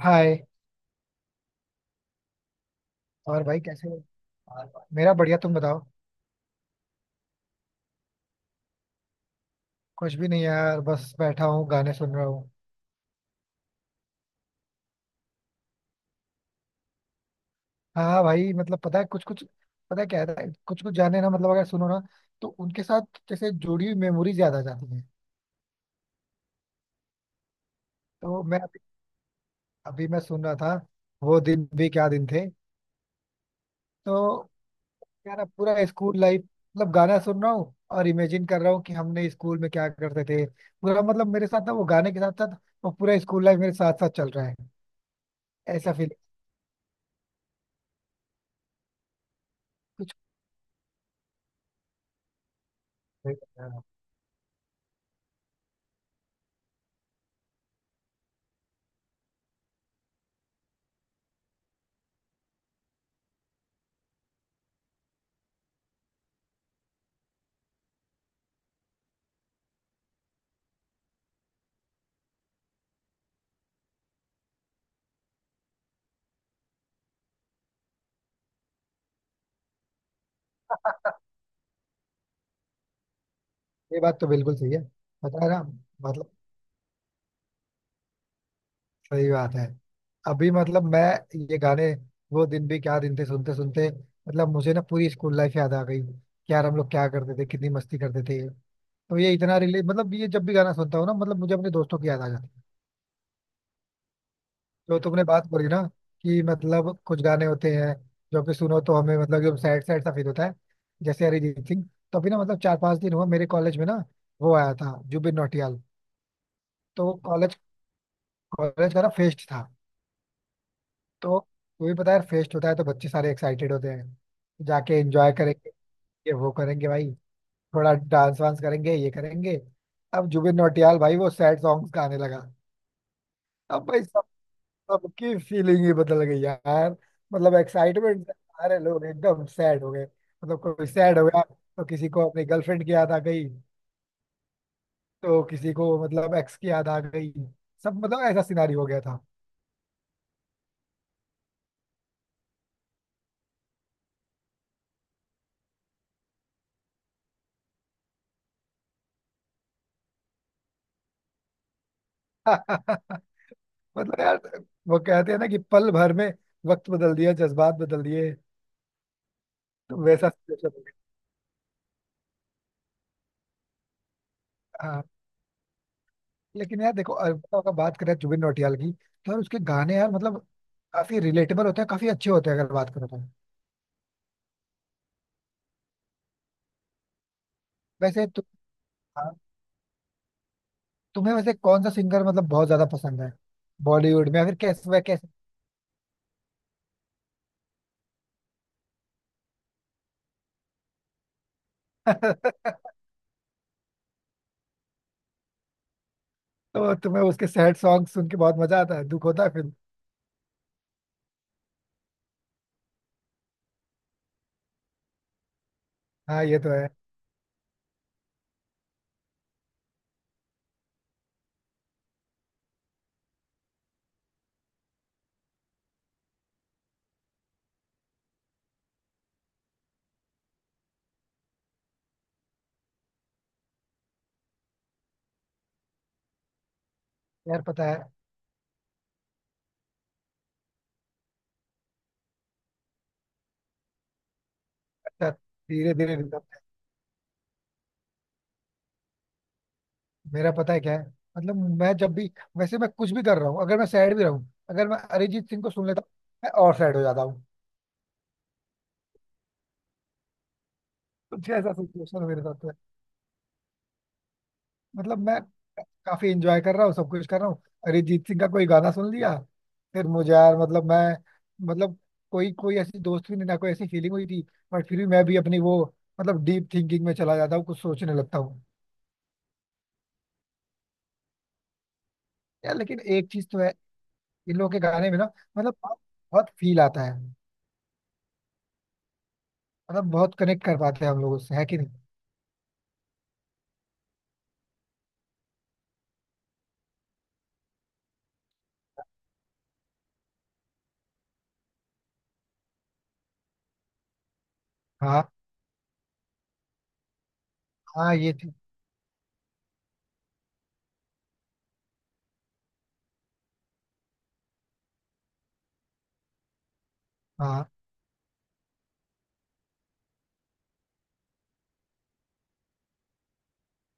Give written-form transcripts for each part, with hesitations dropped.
हाय। और भाई कैसे हो? मेरा बढ़िया, तुम बताओ। कुछ भी नहीं यार, बस बैठा हूँ गाने सुन रहा हूँ। हाँ हाँ भाई, मतलब पता है कुछ कुछ। पता है क्या है, कुछ कुछ गाने ना, मतलब अगर सुनो ना तो उनके साथ जैसे जुड़ी हुई मेमोरी ज्यादा आ जाती है। तो मैं अभी मैं सुन रहा था, वो दिन भी क्या दिन थे। तो यार, अब पूरा स्कूल लाइफ, मतलब गाना सुन रहा हूँ और इमेजिन कर रहा हूँ कि हमने स्कूल में क्या करते थे। पूरा मतलब मेरे साथ ना, वो गाने के साथ साथ वो पूरा स्कूल लाइफ मेरे साथ साथ चल रहा है। ऐसा फील। कुछ। ये बात तो बिल्कुल सही है। पता है ना। मतलब सही बात है। अभी मतलब मैं ये गाने, वो दिन भी क्या दिन थे, सुनते सुनते, मतलब मुझे ना पूरी स्कूल लाइफ याद आ गई कि यार हम लोग क्या करते थे, कितनी मस्ती करते थे। तो ये इतना रिले, मतलब ये जब भी गाना सुनता हूँ ना, मतलब मुझे अपने दोस्तों की याद आ जाती है। तो तुमने बात बोली ना कि मतलब कुछ गाने होते हैं जो कि सुनो तो हमें मतलब एकदम सैड सैड सा फील होता है, जैसे अरिजीत सिंह। तो अभी ना मतलब 4 5 दिन हुआ मेरे कॉलेज में ना, वो आया था जुबिन नौटियाल। तो कॉलेज कॉलेज का ना फेस्ट था। तो वही पता है यार, फेस्ट होता है तो बच्चे सारे एक्साइटेड होते हैं, जाके एंजॉय करेंगे, ये वो करेंगे भाई, थोड़ा डांस वांस करेंगे, ये करेंगे। अब जुबिन नौटियाल भाई वो सैड सॉन्ग्स गाने लगा। अब भाई सब सबकी फीलिंग ही बदल गई यार। मतलब एक्साइटमेंट से सारे लोग एकदम सैड हो गए। मतलब कोई सैड हो गया तो किसी को अपनी गर्लफ्रेंड की याद आ गई, तो किसी को मतलब एक्स की याद आ गई। सब मतलब ऐसा सिनारी हो गया था। मतलब यार वो कहते हैं ना कि पल भर में वक्त बदल दिया, जज्बात बदल दिए। तो वैसा सिचुएशन हो गया। हाँ लेकिन यार देखो, अगर अगर बात करें जुबिन नौटियाल की, तो यार उसके गाने यार मतलब काफी रिलेटेबल होते हैं, काफी अच्छे होते हैं अगर बात करो तो। वैसे तु, हाँ, तुम्हें वैसे कौन सा सिंगर मतलब बहुत ज्यादा पसंद है? बॉलीवुड में या फिर कैसे, वह कैसे? तो तुम्हें उसके सैड सॉन्ग सुन के बहुत मजा आता है? दुख होता है फिर? हाँ ये तो है यार। पता है। अच्छा धीरे धीरे। मेरा पता है क्या है, मतलब मैं जब भी, वैसे मैं कुछ भी कर रहा हूँ, अगर मैं सैड भी रहूँ, अगर मैं अरिजीत सिंह को सुन लेता हूँ, मैं और सैड हो जाता हूँ। कुछ ऐसा सिचुएशन मेरे साथ है। मतलब मैं काफी इंजॉय कर रहा हूँ, सब कुछ कर रहा हूँ, अरिजीत सिंह का कोई गाना सुन लिया, फिर मुझे यार मतलब मैं, मतलब कोई कोई ऐसी दोस्ती नहीं ना, कोई ऐसी फीलिंग हुई थी, बट फिर भी मैं भी अपनी वो मतलब डीप थिंकिंग में चला जाता हूँ, कुछ सोचने लगता हूँ। यार लेकिन एक चीज तो है इन लोगों के गाने में ना, मतलब बहुत फील आता है। मतलब बहुत कनेक्ट कर पाते हैं हम लोग उससे, है कि नहीं? हाँ हाँ ये थी। हाँ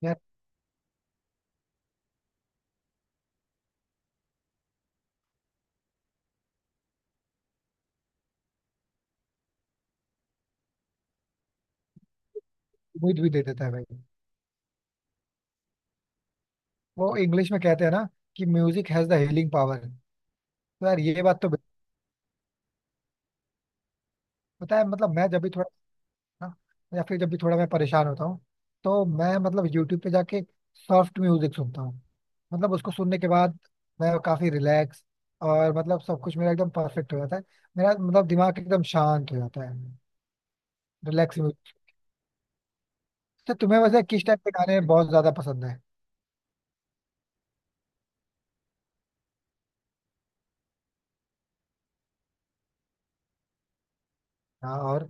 यार उम्मीद भी दे देता है भाई। वो इंग्लिश में कहते हैं ना कि music has the healing power. तो यार ये बात तो बिल-, पता है मतलब मैं जब भी थोड़ा ना, या फिर जब भी थोड़ा मैं परेशान होता हूँ, तो मैं मतलब यूट्यूब पे जाके सॉफ्ट म्यूजिक सुनता हूँ। मतलब उसको सुनने के बाद मैं काफी रिलैक्स, और मतलब सब कुछ मेरा एकदम परफेक्ट हो जाता है, मेरा मतलब दिमाग एकदम शांत हो जाता है। Relax music. तो तुम्हें वैसे किस टाइप के गाने बहुत ज्यादा पसंद है? हाँ और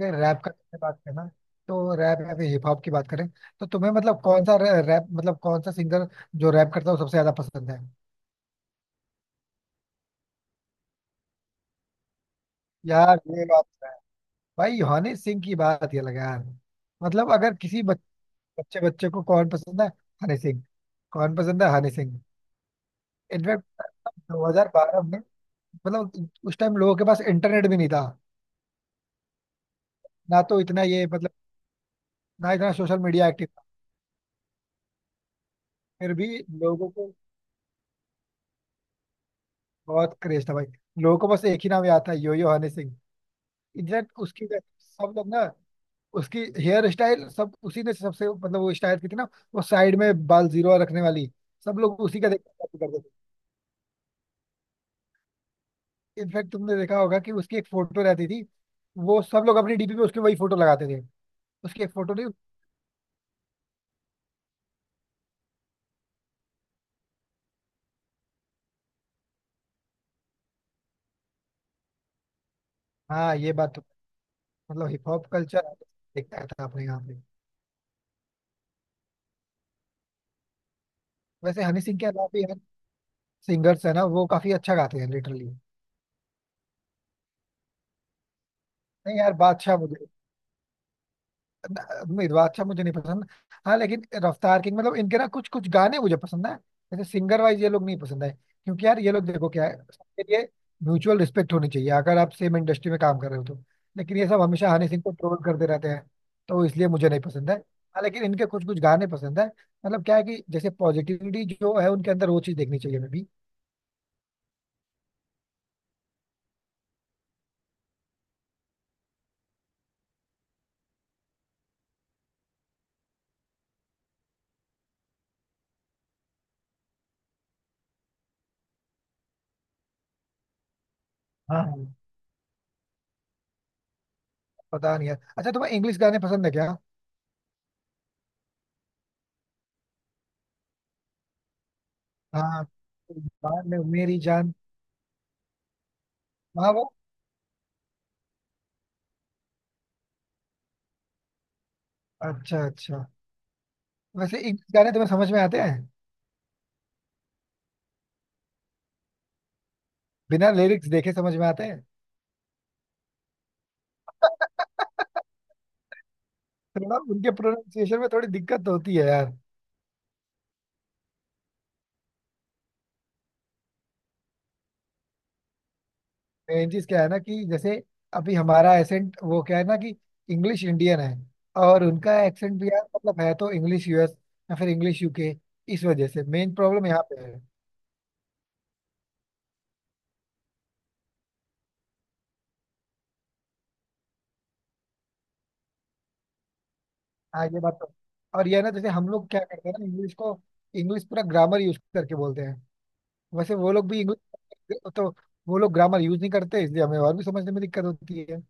अगर रैप का तुमने बात करना, तो रैप या फिर हिप हॉप की बात करें, तो तुम्हें मतलब कौन सा रैप, मतलब कौन सा सिंगर जो रैप करता है वो सबसे ज्यादा पसंद है? यार ये बात तो है। भाई हनी सिंह की बात ये लगा यार, मतलब अगर किसी बच-, बच्चे बच्चे को कौन पसंद है? हनी सिंह। कौन पसंद है? हनी सिंह। इनफैक्ट 2012 में, मतलब उस टाइम लोगों के पास इंटरनेट भी नहीं था ना, तो इतना ये मतलब ना इतना सोशल मीडिया एक्टिव था। फिर भी लोगों को बहुत क्रेज था भाई। लोगों को बस एक ही नाम याद था, यो यो हनी सिंह। एग्जैक्ट उसकी सब लोग ना, उसकी हेयर स्टाइल, सब उसी ने सबसे, मतलब वो स्टाइल की थी ना, वो साइड में बाल जीरो रखने वाली। सब लोग उसी का देखना copy करते थे। इनफैक्ट तुमने देखा होगा कि उसकी एक फोटो रहती थी, वो सब लोग अपनी डीपी पे उसकी वही फोटो लगाते थे। उसकी एक फोटो नहीं। हाँ ये बात तो। मतलब हिप हॉप कल्चर देखता था अपने यहाँ पे। वैसे हनी सिंह के अलावा भी यार सिंगर्स है ना, वो काफी अच्छा गाते हैं लिटरली। नहीं यार, बादशाह मुझे, मिर्वा अच्छा मुझे नहीं पसंद। हाँ लेकिन रफ्तार किंग, मतलब इनके ना कुछ कुछ गाने मुझे पसंद है। जैसे सिंगर वाइज ये लोग नहीं पसंद है, क्योंकि यार ये लोग, देखो क्या है, सबके लिए म्यूचुअल रिस्पेक्ट होनी चाहिए अगर आप सेम इंडस्ट्री में काम कर रहे हो तो। लेकिन ये सब हमेशा हनी सिंह को ट्रोल करते रहते हैं, तो इसलिए मुझे नहीं पसंद है। हाँ लेकिन इनके कुछ कुछ गाने पसंद है। मतलब क्या है कि जैसे पॉजिटिविटी जो है उनके अंदर, वो चीज देखनी चाहिए हमें भी। हाँ हाँ। पता नहीं यार। अच्छा तुम्हें इंग्लिश गाने पसंद है क्या? हाँ बाद में मेरी जान। हाँ वो, अच्छा अच्छा। वैसे इंग्लिश गाने तुम्हें समझ में आते हैं? बिना लिरिक्स देखे समझ में आते हैं? थोड़ा उनके प्रोनाउंसिएशन में थोड़ी दिक्कत तो होती है यार। मेन चीज क्या है ना कि जैसे अभी हमारा एसेंट, वो क्या है ना कि इंग्लिश इंडियन है, और उनका एक्सेंट भी यार मतलब है तो इंग्लिश यूएस या फिर इंग्लिश यूके, इस वजह से मेन प्रॉब्लम यहाँ पे है। हाँ ये बात तो, और ये है ना जैसे हम लोग क्या करते हैं ना इंग्लिश को, इंग्लिश पूरा ग्रामर यूज करके बोलते हैं। वैसे वो लोग भी इंग्लिश तो, वो लोग ग्रामर यूज नहीं करते, इसलिए हमें और भी समझने में दिक्कत होती है।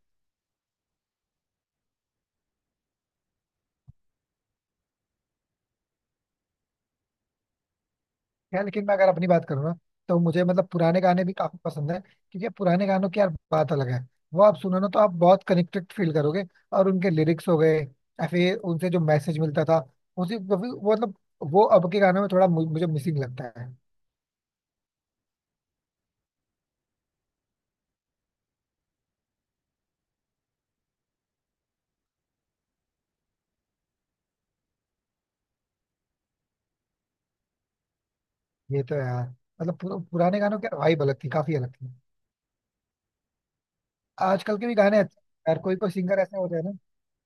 यार लेकिन मैं अगर अपनी बात करूँ ना, तो मुझे मतलब पुराने गाने भी काफी पसंद है, क्योंकि पुराने गानों की यार बात अलग है। वो आप सुनो ना, तो आप बहुत कनेक्टेड फील करोगे। और उनके लिरिक्स हो गए या फिर उनसे जो मैसेज मिलता था, उसी वो भी-, वो मतलब वो अब के गानों में थोड़ा मु-, मुझे मिसिंग लगता है। ये तो है यार। मतलब पुर-, पुराने गानों की वाइब अलग थी, काफी अलग थी। आजकल के भी गाने अच्छे हैं यार, कोई कोई सिंगर ऐसे होते हैं ना,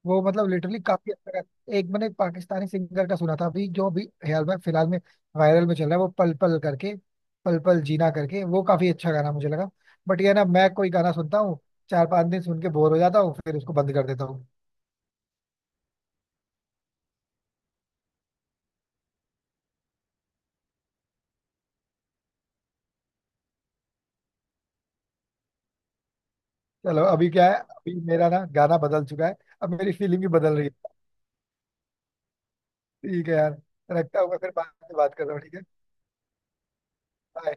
वो मतलब लिटरली काफी अच्छा गा-, एक मैंने पाकिस्तानी सिंगर का सुना था, अभी जो अभी हाल में फिलहाल में वायरल में चल रहा है, वो पल पल करके, पल पल जीना करके, वो काफी अच्छा गाना मुझे लगा। बट ये ना, मैं कोई गाना सुनता हूँ, 4 5 दिन सुन के बोर हो जाता हूँ, फिर उसको बंद कर देता हूँ। चलो अभी क्या है, अभी मेरा ना गाना बदल चुका है, अब मेरी फीलिंग भी बदल रही है। ठीक है यार, रखता हूँ मैं, फिर बाद में बात कर रहा हूँ, ठीक है? Bye.